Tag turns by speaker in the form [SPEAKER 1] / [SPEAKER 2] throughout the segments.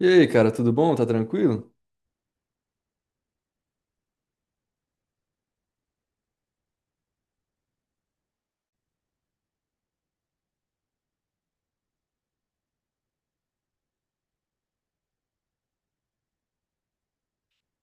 [SPEAKER 1] E aí, cara, tudo bom? Tá tranquilo?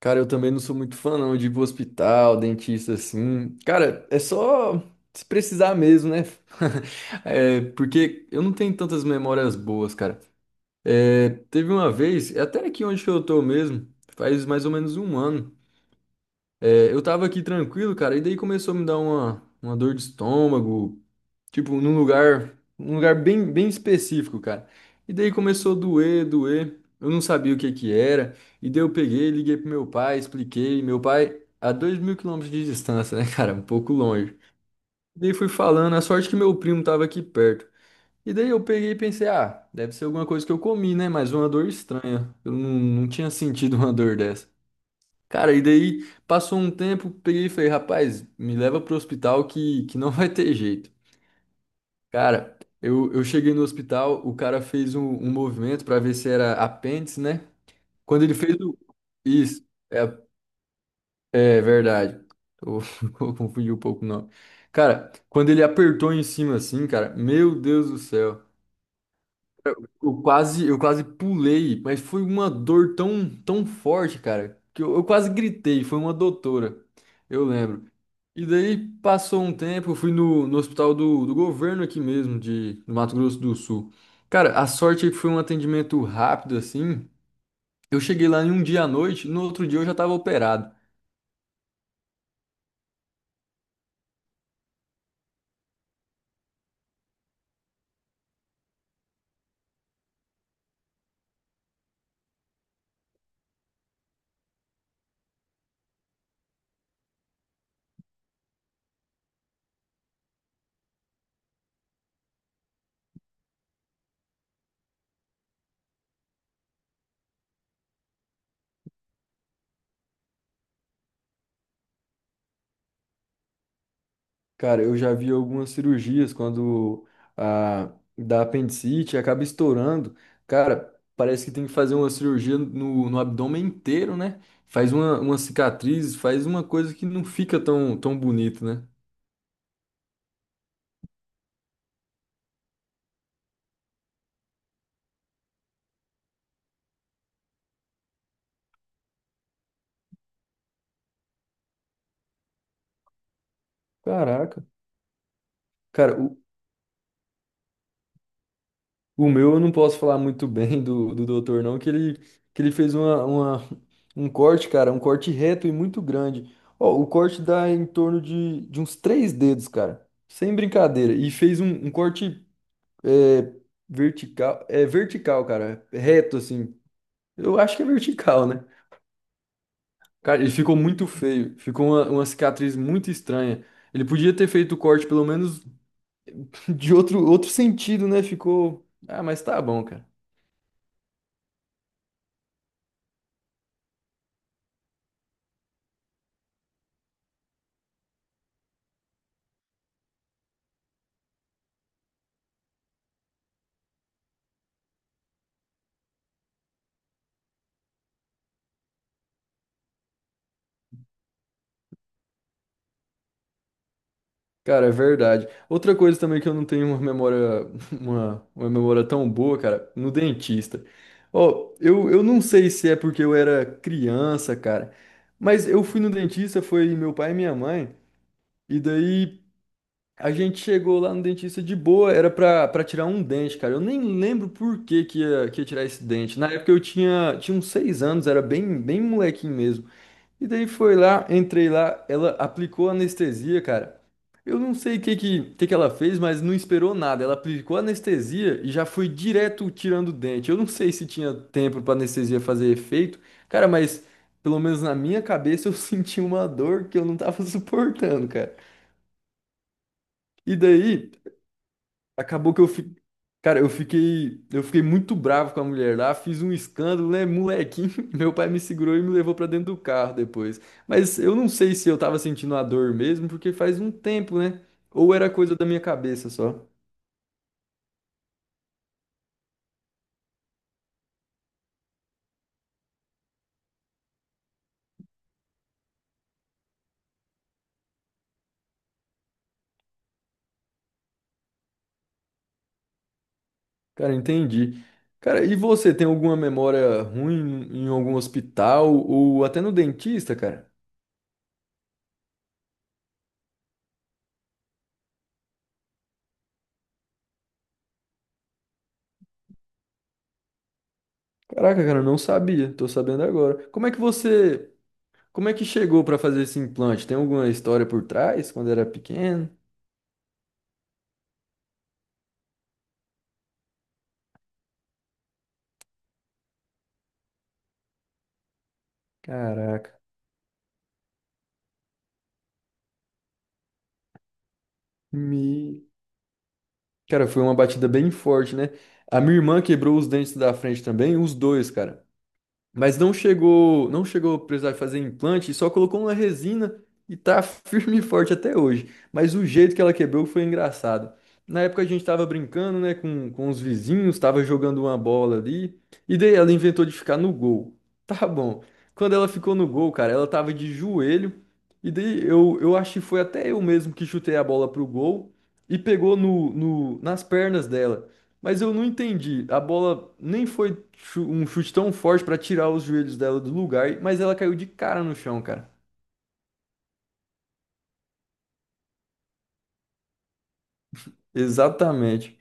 [SPEAKER 1] Cara, eu também não sou muito fã, não, de ir pro hospital, dentista, assim. Cara, é só se precisar mesmo, né? É, porque eu não tenho tantas memórias boas, cara. É, teve uma vez, é até aqui onde que eu tô mesmo, faz mais ou menos um ano. É, eu tava aqui tranquilo, cara, e daí começou a me dar uma dor de estômago. Tipo, um lugar bem específico, cara. E daí começou a doer, doer. Eu não sabia o que que era. E daí eu peguei, liguei pro meu pai, expliquei. Meu pai, a 2.000 quilômetros de distância, né, cara? Um pouco longe. E daí fui falando, a sorte que meu primo tava aqui perto. E daí eu peguei e pensei, ah, deve ser alguma coisa que eu comi, né? Mas uma dor estranha. Eu não tinha sentido uma dor dessa. Cara, e daí passou um tempo, peguei e falei, rapaz, me leva pro hospital que não vai ter jeito. Cara, eu cheguei no hospital, o cara fez um movimento pra ver se era apêndice, né? Quando ele fez o. Isso, é, é verdade. Eu, eu confundi um pouco o nome. Cara, quando ele apertou em cima assim, cara, meu Deus do céu. Eu quase pulei, mas foi uma dor tão, tão forte, cara, que eu quase gritei. Foi uma doutora, eu lembro. E daí passou um tempo, eu fui no, no hospital do governo aqui mesmo, do Mato Grosso do Sul. Cara, a sorte é que foi um atendimento rápido assim. Eu cheguei lá em um dia à noite, no outro dia eu já estava operado. Cara, eu já vi algumas cirurgias quando a da apendicite acaba estourando. Cara, parece que tem que fazer uma cirurgia no abdômen inteiro, né? Faz uma cicatriz, faz uma coisa que não fica tão, tão bonito, né? Caraca. Cara, o meu eu não posso falar muito bem do doutor, não, que ele fez um corte, cara, um corte reto e muito grande. Ó, o corte dá em torno de uns três dedos, cara. Sem brincadeira. E fez um corte. É é vertical, cara. Reto, assim. Eu acho que é vertical, né? Cara, ele ficou muito feio. Ficou uma cicatriz muito estranha. Ele podia ter feito o corte pelo menos de outro sentido, né? Ficou. Ah, mas tá bom, cara. Cara, é verdade. Outra coisa também que eu não tenho uma memória, uma memória tão boa, cara, no dentista. Ó, eu não sei se é porque eu era criança, cara, mas eu fui no dentista, foi meu pai e minha mãe. E daí a gente chegou lá no dentista de boa, era pra tirar um dente, cara. Eu nem lembro por que que ia tirar esse dente. Na época eu tinha uns 6 anos, era bem molequinho mesmo. E daí foi lá, entrei lá, ela aplicou anestesia, cara. Eu não sei o que que ela fez, mas não esperou nada. Ela aplicou anestesia e já foi direto tirando o dente. Eu não sei se tinha tempo pra anestesia fazer efeito, cara, mas pelo menos na minha cabeça eu senti uma dor que eu não tava suportando, cara. E daí. Acabou que eu fi... Cara, eu fiquei muito bravo com a mulher lá, fiz um escândalo, né, molequinho. Meu pai me segurou e me levou pra dentro do carro depois. Mas eu não sei se eu tava sentindo a dor mesmo, porque faz um tempo, né? Ou era coisa da minha cabeça só. Cara, entendi. Cara, e você tem alguma memória ruim em algum hospital ou até no dentista, cara? Caraca, cara, eu não sabia. Tô sabendo agora. Como é que você, como é que chegou pra fazer esse implante? Tem alguma história por trás quando era pequeno? Caraca. Me... Cara, foi uma batida bem forte, né? A minha irmã quebrou os dentes da frente também, os dois, cara. Mas não chegou a precisar fazer implante, só colocou uma resina e tá firme e forte até hoje. Mas o jeito que ela quebrou foi engraçado. Na época a gente tava brincando, né, com os vizinhos, tava jogando uma bola ali, e daí ela inventou de ficar no gol. Tá bom. Quando ela ficou no gol, cara, ela tava de joelho, e daí eu acho que foi até eu mesmo que chutei a bola pro gol e pegou no, no, nas pernas dela. Mas eu não entendi. A bola nem foi chu- um chute tão forte pra tirar os joelhos dela do lugar, mas ela caiu de cara no chão, cara. Exatamente.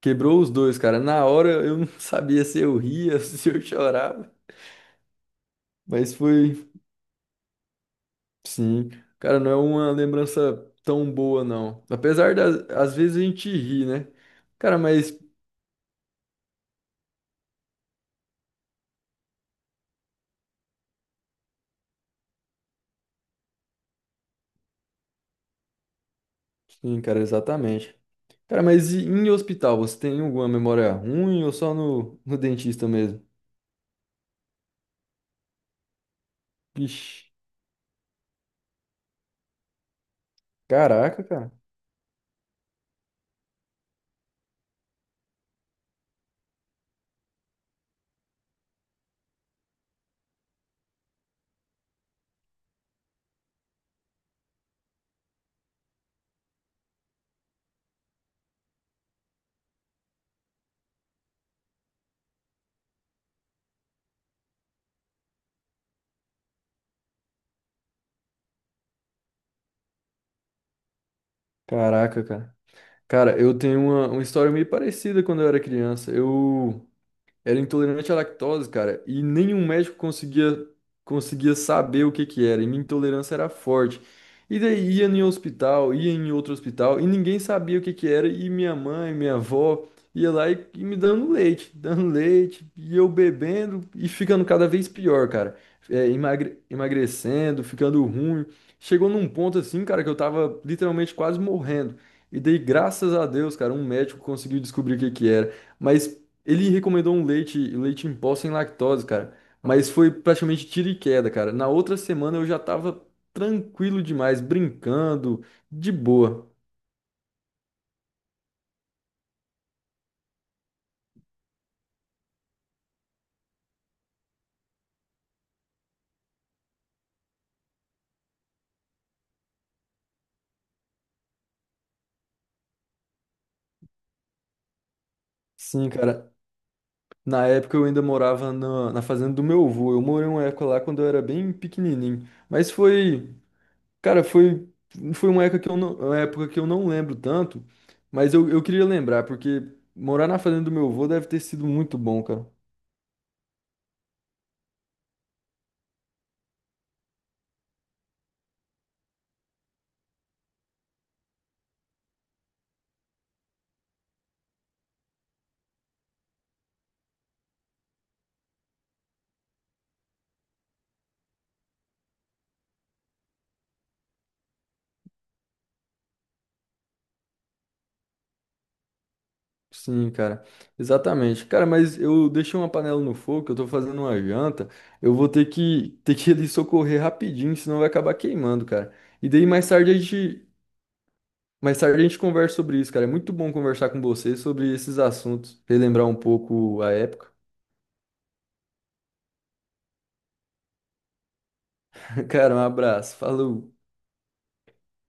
[SPEAKER 1] Quebrou os dois, cara. Na hora eu não sabia se eu ria, se eu chorava. Mas foi, sim. Cara, não é uma lembrança tão boa, não. Apesar das, às vezes a gente ri, né? Cara, mas, sim, cara, exatamente. Cara, mas e em hospital, você tem alguma memória ruim ou só no, no dentista mesmo? Vixe, caraca, cara. Caraca, cara. Cara, eu tenho uma história meio parecida quando eu era criança. Eu, era intolerante à lactose, cara, e nenhum médico conseguia saber o que que era. E minha intolerância era forte. E daí ia em hospital, ia em outro hospital e ninguém sabia o que que era. E minha mãe, minha avó ia lá e me dando leite, dando leite, e eu bebendo e ficando cada vez pior, cara. É, emagre- emagrecendo, ficando ruim. Chegou num ponto assim, cara, que eu tava literalmente quase morrendo. E daí, graças a Deus, cara, um médico conseguiu descobrir o que que era. Mas ele recomendou um leite em pó sem lactose, cara. Mas foi praticamente tiro e queda, cara. Na outra semana eu já tava tranquilo demais, brincando, de boa. Sim, cara. Na época eu ainda morava na fazenda do meu avô. Eu morei uma época lá quando eu era bem pequenininho. Mas foi, cara, foi, foi uma época que eu não, uma época que eu não lembro tanto. Mas eu queria lembrar, porque morar na fazenda do meu avô deve ter sido muito bom, cara. Sim, cara, exatamente. Cara, mas eu deixei uma panela no fogo, eu tô fazendo uma janta, eu vou ter que ir ali socorrer rapidinho, senão vai acabar queimando, cara. E daí mais tarde a gente, mais tarde a gente conversa sobre isso, cara. É muito bom conversar com você sobre esses assuntos, relembrar um pouco a época. Cara, um abraço, falou.